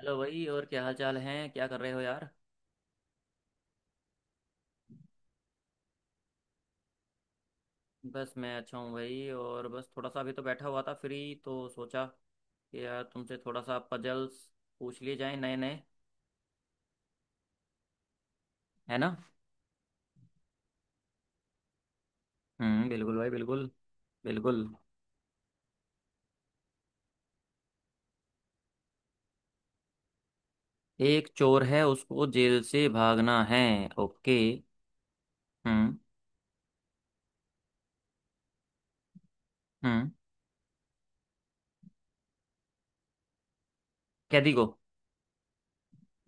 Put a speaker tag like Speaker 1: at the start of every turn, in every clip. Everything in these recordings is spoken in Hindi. Speaker 1: हेलो भाई। और क्या हाल चाल हैं, क्या कर रहे हो यार? बस मैं अच्छा हूँ भाई। और बस थोड़ा सा अभी तो बैठा हुआ था फ्री, तो सोचा कि यार तुमसे थोड़ा सा पजल्स पूछ लिए जाएं नए नए। है ना? हम्म, बिल्कुल भाई बिल्कुल। बिल्कुल। एक चोर है उसको जेल से भागना है। ओके। हम्म। हम्म। कैदी को।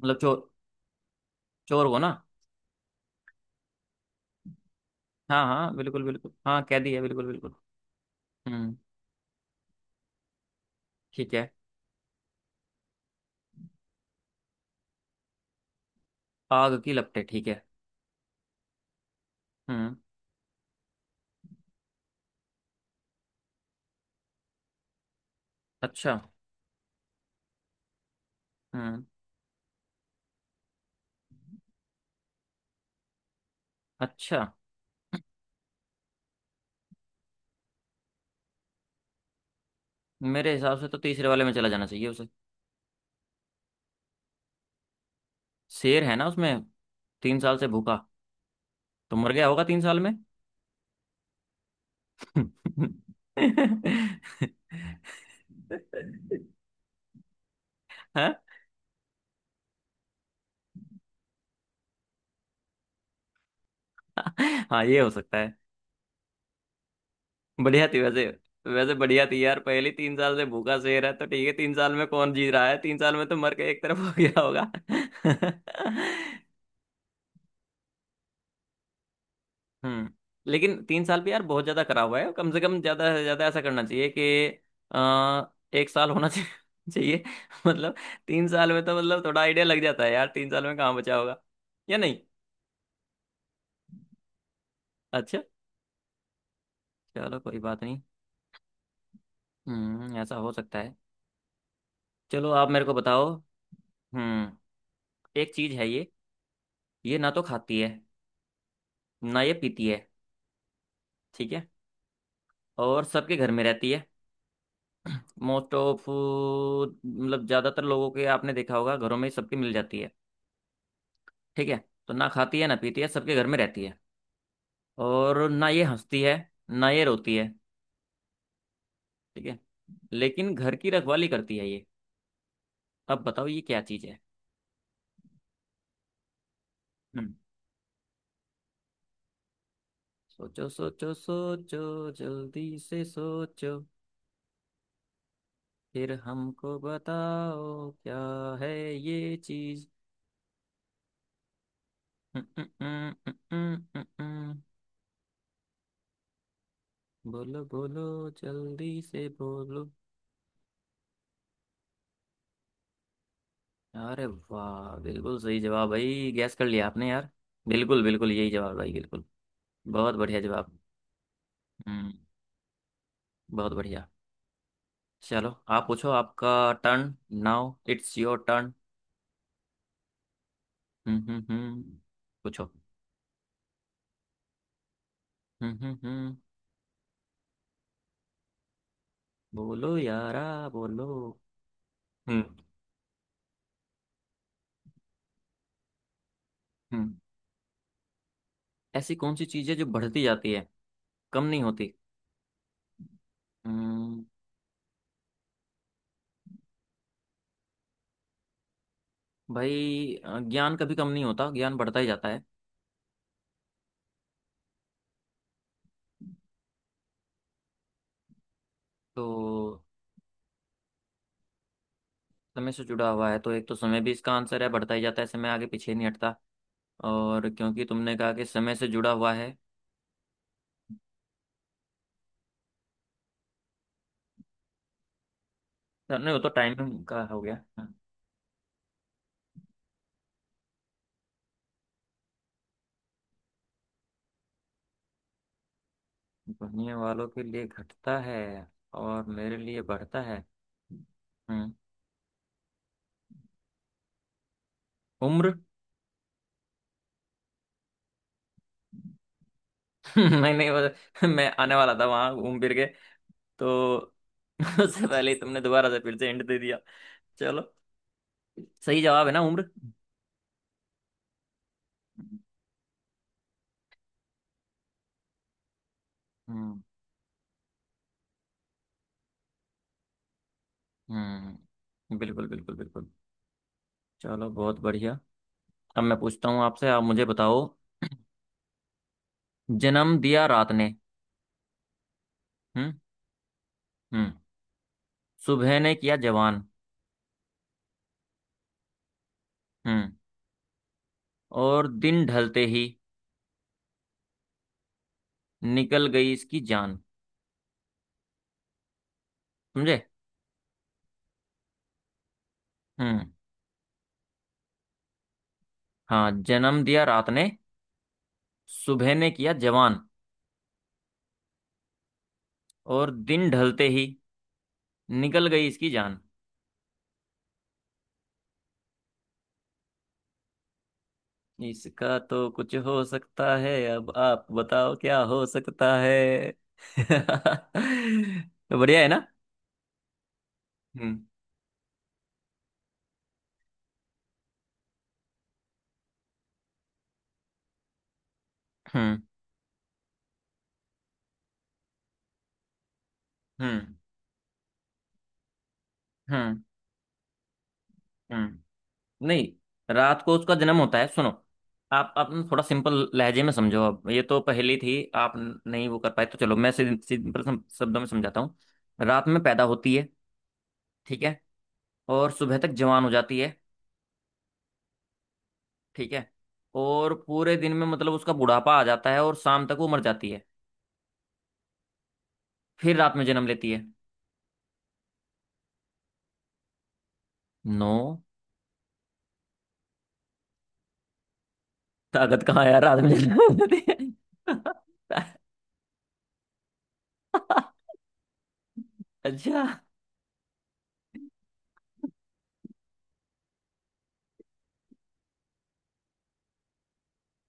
Speaker 1: मतलब चोर। चोर को ना। हाँ हाँ, बिल्कुल बिल्कुल, हाँ कैदी है बिल्कुल बिल्कुल। हम्म। ठीक है। आग की लपटें, ठीक है। हम्म। अच्छा। हम्म। अच्छा। मेरे हिसाब से तो तीसरे वाले में चला जाना चाहिए उसे। शेर है ना उसमें, 3 साल से भूखा, तो मर गया होगा 3 साल में। हाँ। हाँ ये हो सकता है। बढ़िया थी वैसे। वैसे बढ़िया थी यार, पहली। 3 साल से भूखा शेर है तो ठीक है, 3 साल में कौन जी रहा है, 3 साल में तो मर के एक तरफ हो गया होगा। हम्म। लेकिन 3 साल भी यार बहुत ज्यादा करा हुआ है, कम से कम ज्यादा से ज्यादा ऐसा करना चाहिए कि 1 साल होना चाहिए। चाहिए। मतलब, 3 साल में तो मतलब थोड़ा आइडिया लग जाता है यार, 3 साल में कहाँ बचा होगा या नहीं। अच्छा। चलो कोई बात नहीं। हम्म, ऐसा हो सकता है। चलो आप मेरे को बताओ। हम्म। एक चीज है ये। ये ना तो खाती है, ना ये पीती है, ठीक है। और सबके घर में रहती है। मोस्ट ऑफ, मतलब ज्यादातर लोगों के, आपने देखा होगा घरों में सबके मिल जाती है। ठीक है तो ना खाती है ना पीती है सबके घर में रहती है। और ना ये हंसती है, ना ये रोती है, ठीक है। लेकिन घर की रखवाली करती है ये। अब बताओ ये क्या चीज है। हम्म। सोचो सोचो सोचो, जल्दी से सोचो, फिर हमको बताओ क्या है ये चीज। हम्म, हम्म, हम्म, हम्म, हम्म, हम्म। बोलो बोलो, जल्दी से बोलो। अरे वाह, बिल्कुल सही जवाब भाई, गैस कर लिया आपने यार। बिल्कुल बिल्कुल, यही जवाब भाई, बिल्कुल। बहुत बढ़िया जवाब। हम्म। बहुत बढ़िया। चलो आप पूछो, आपका turn, now it's your turn. हम्म। पूछो। हम्म। बोलो यारा। बोलो। हम्म। हम्म, ऐसी कौन सी चीज़ है जो बढ़ती जाती है, कम नहीं होती। हम्म। भाई ज्ञान कभी कम नहीं होता, ज्ञान बढ़ता ही जाता है। तो समय से जुड़ा हुआ है तो एक तो समय भी इसका आंसर है, बढ़ता ही जाता है, समय आगे पीछे नहीं हटता। और क्योंकि तुमने कहा कि समय से जुड़ा हुआ है। नहीं वो तो टाइमिंग का हो गया। बढ़ने वालों के लिए घटता है और मेरे लिए बढ़ता है। हम्म, उम्र। नहीं नहीं, मैं आने वाला था वहां घूम फिर के तो। उससे पहले ही तुमने दोबारा से फिर से एंड दे दिया। चलो, सही जवाब है ना उम्र। हम्म। हम्म, बिल्कुल बिल्कुल बिल्कुल। चलो, बहुत बढ़िया। अब मैं पूछता हूँ आपसे, आप मुझे बताओ। जन्म दिया रात ने। हम्म। हम्म। सुबह ने किया जवान। हम्म। और दिन ढलते ही निकल गई इसकी जान। समझे। हम्म। हाँ, जन्म दिया रात ने, सुबह ने किया जवान, और दिन ढलते ही निकल गई इसकी जान। इसका तो कुछ हो सकता है, अब आप बताओ क्या हो सकता है। तो बढ़िया है ना। हम्म हम्म हम्म हम्म हम्म। नहीं। रात को उसका जन्म होता है, सुनो। आप न थोड़ा सिंपल लहजे में समझो, अब ये तो पहेली थी, आप न- नहीं वो कर पाए तो चलो मैं सिंपल शब्दों में समझाता हूँ। रात में पैदा होती है। ठीक है। और सुबह तक जवान हो जाती है। ठीक है। और पूरे दिन में मतलब उसका बुढ़ापा आ जाता है और शाम तक वो मर जाती है, फिर रात में जन्म लेती है। नो। ताकत कहाँ है यार, रात में जन्म लेती है। अच्छा।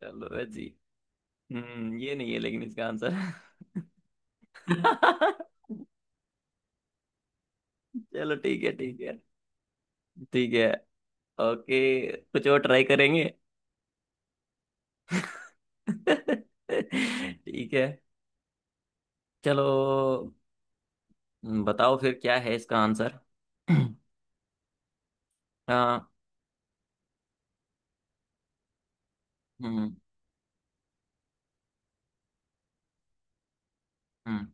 Speaker 1: चलो भाई जी, ये नहीं है लेकिन इसका आंसर। चलो ठीक है ठीक है। ठीक है। ओके। कुछ और ट्राई करेंगे। ठीक है। चलो बताओ फिर क्या है इसका आंसर। आ, हम्म हम्म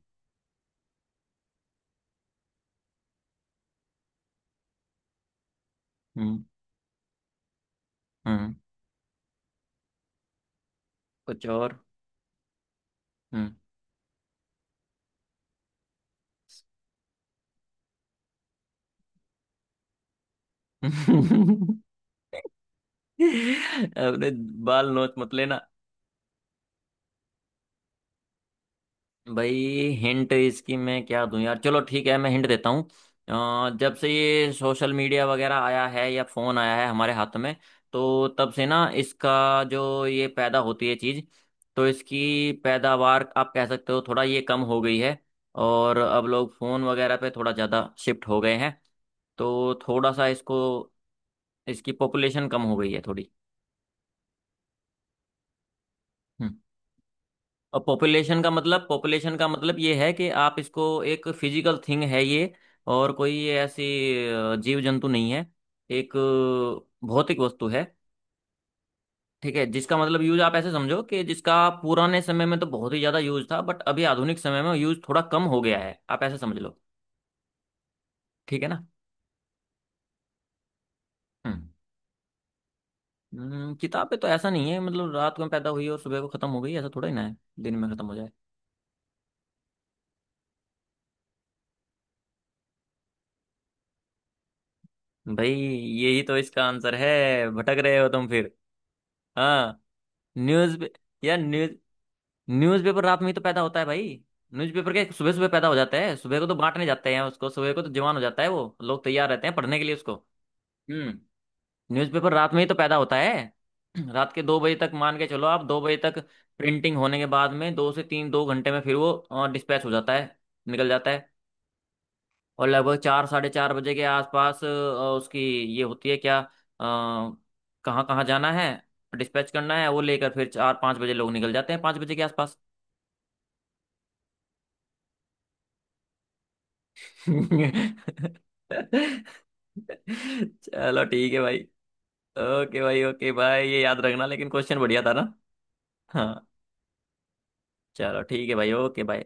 Speaker 1: हम्म हम्म, कुछ और। हम्म। अपने बाल नोच मत लेना। भाई हिंट इसकी मैं क्या दूं यार, चलो ठीक है मैं हिंट देता हूँ। जब से ये सोशल मीडिया वगैरह आया है या फोन आया है हमारे हाथ में, तो तब से ना इसका जो ये पैदा होती है चीज, तो इसकी पैदावार आप कह सकते हो थोड़ा ये कम हो गई है। और अब लोग फोन वगैरह पे थोड़ा ज्यादा शिफ्ट हो गए हैं तो थोड़ा सा इसको, इसकी पॉपुलेशन कम हो गई है थोड़ी। हम्म। और पॉपुलेशन का मतलब, पॉपुलेशन का मतलब ये है कि आप इसको, एक फिजिकल थिंग है ये, और कोई ये ऐसी जीव जंतु नहीं है, एक भौतिक वस्तु है। ठीक है, जिसका मतलब यूज, आप ऐसे समझो कि जिसका पुराने समय में तो बहुत ही ज्यादा यूज था, बट अभी आधुनिक समय में यूज थोड़ा कम हो गया है, आप ऐसे समझ लो। ठीक है ना। हम्म। किताब पे तो ऐसा नहीं है, मतलब रात को पैदा हुई और सुबह को खत्म हो गई, ऐसा थोड़ा ही ना है, दिन में खत्म हो जाएगी। भाई यही तो इसका आंसर है, भटक रहे हो तुम फिर। हाँ। न्यूज। यार न्यूज, न्यूज़पेपर रात में ही तो पैदा होता है भाई, न्यूज़पेपर के सुबह सुबह पैदा हो जाता है, सुबह को तो बांटने जाते हैं उसको, सुबह को तो जवान हो जाता है, वो लोग तैयार रहते हैं पढ़ने के लिए उसको। हम्म। न्यूज़पेपर रात में ही तो पैदा होता है। रात के 2 बजे तक, मान के चलो आप 2 बजे तक प्रिंटिंग होने के बाद में, 2 से 3, 2 घंटे में फिर वो डिस्पैच हो जाता है, निकल जाता है। और लगभग चार, साढ़े चार बजे के आसपास उसकी ये होती है क्या कहाँ कहाँ जाना है डिस्पैच करना है वो लेकर, फिर 4, 5 बजे लोग निकल जाते हैं, 5 बजे के आसपास। चलो ठीक है भाई, ओके भाई, ओके भाई। ये याद रखना लेकिन, क्वेश्चन बढ़िया था ना। हाँ। चलो ठीक है भाई, ओके भाई।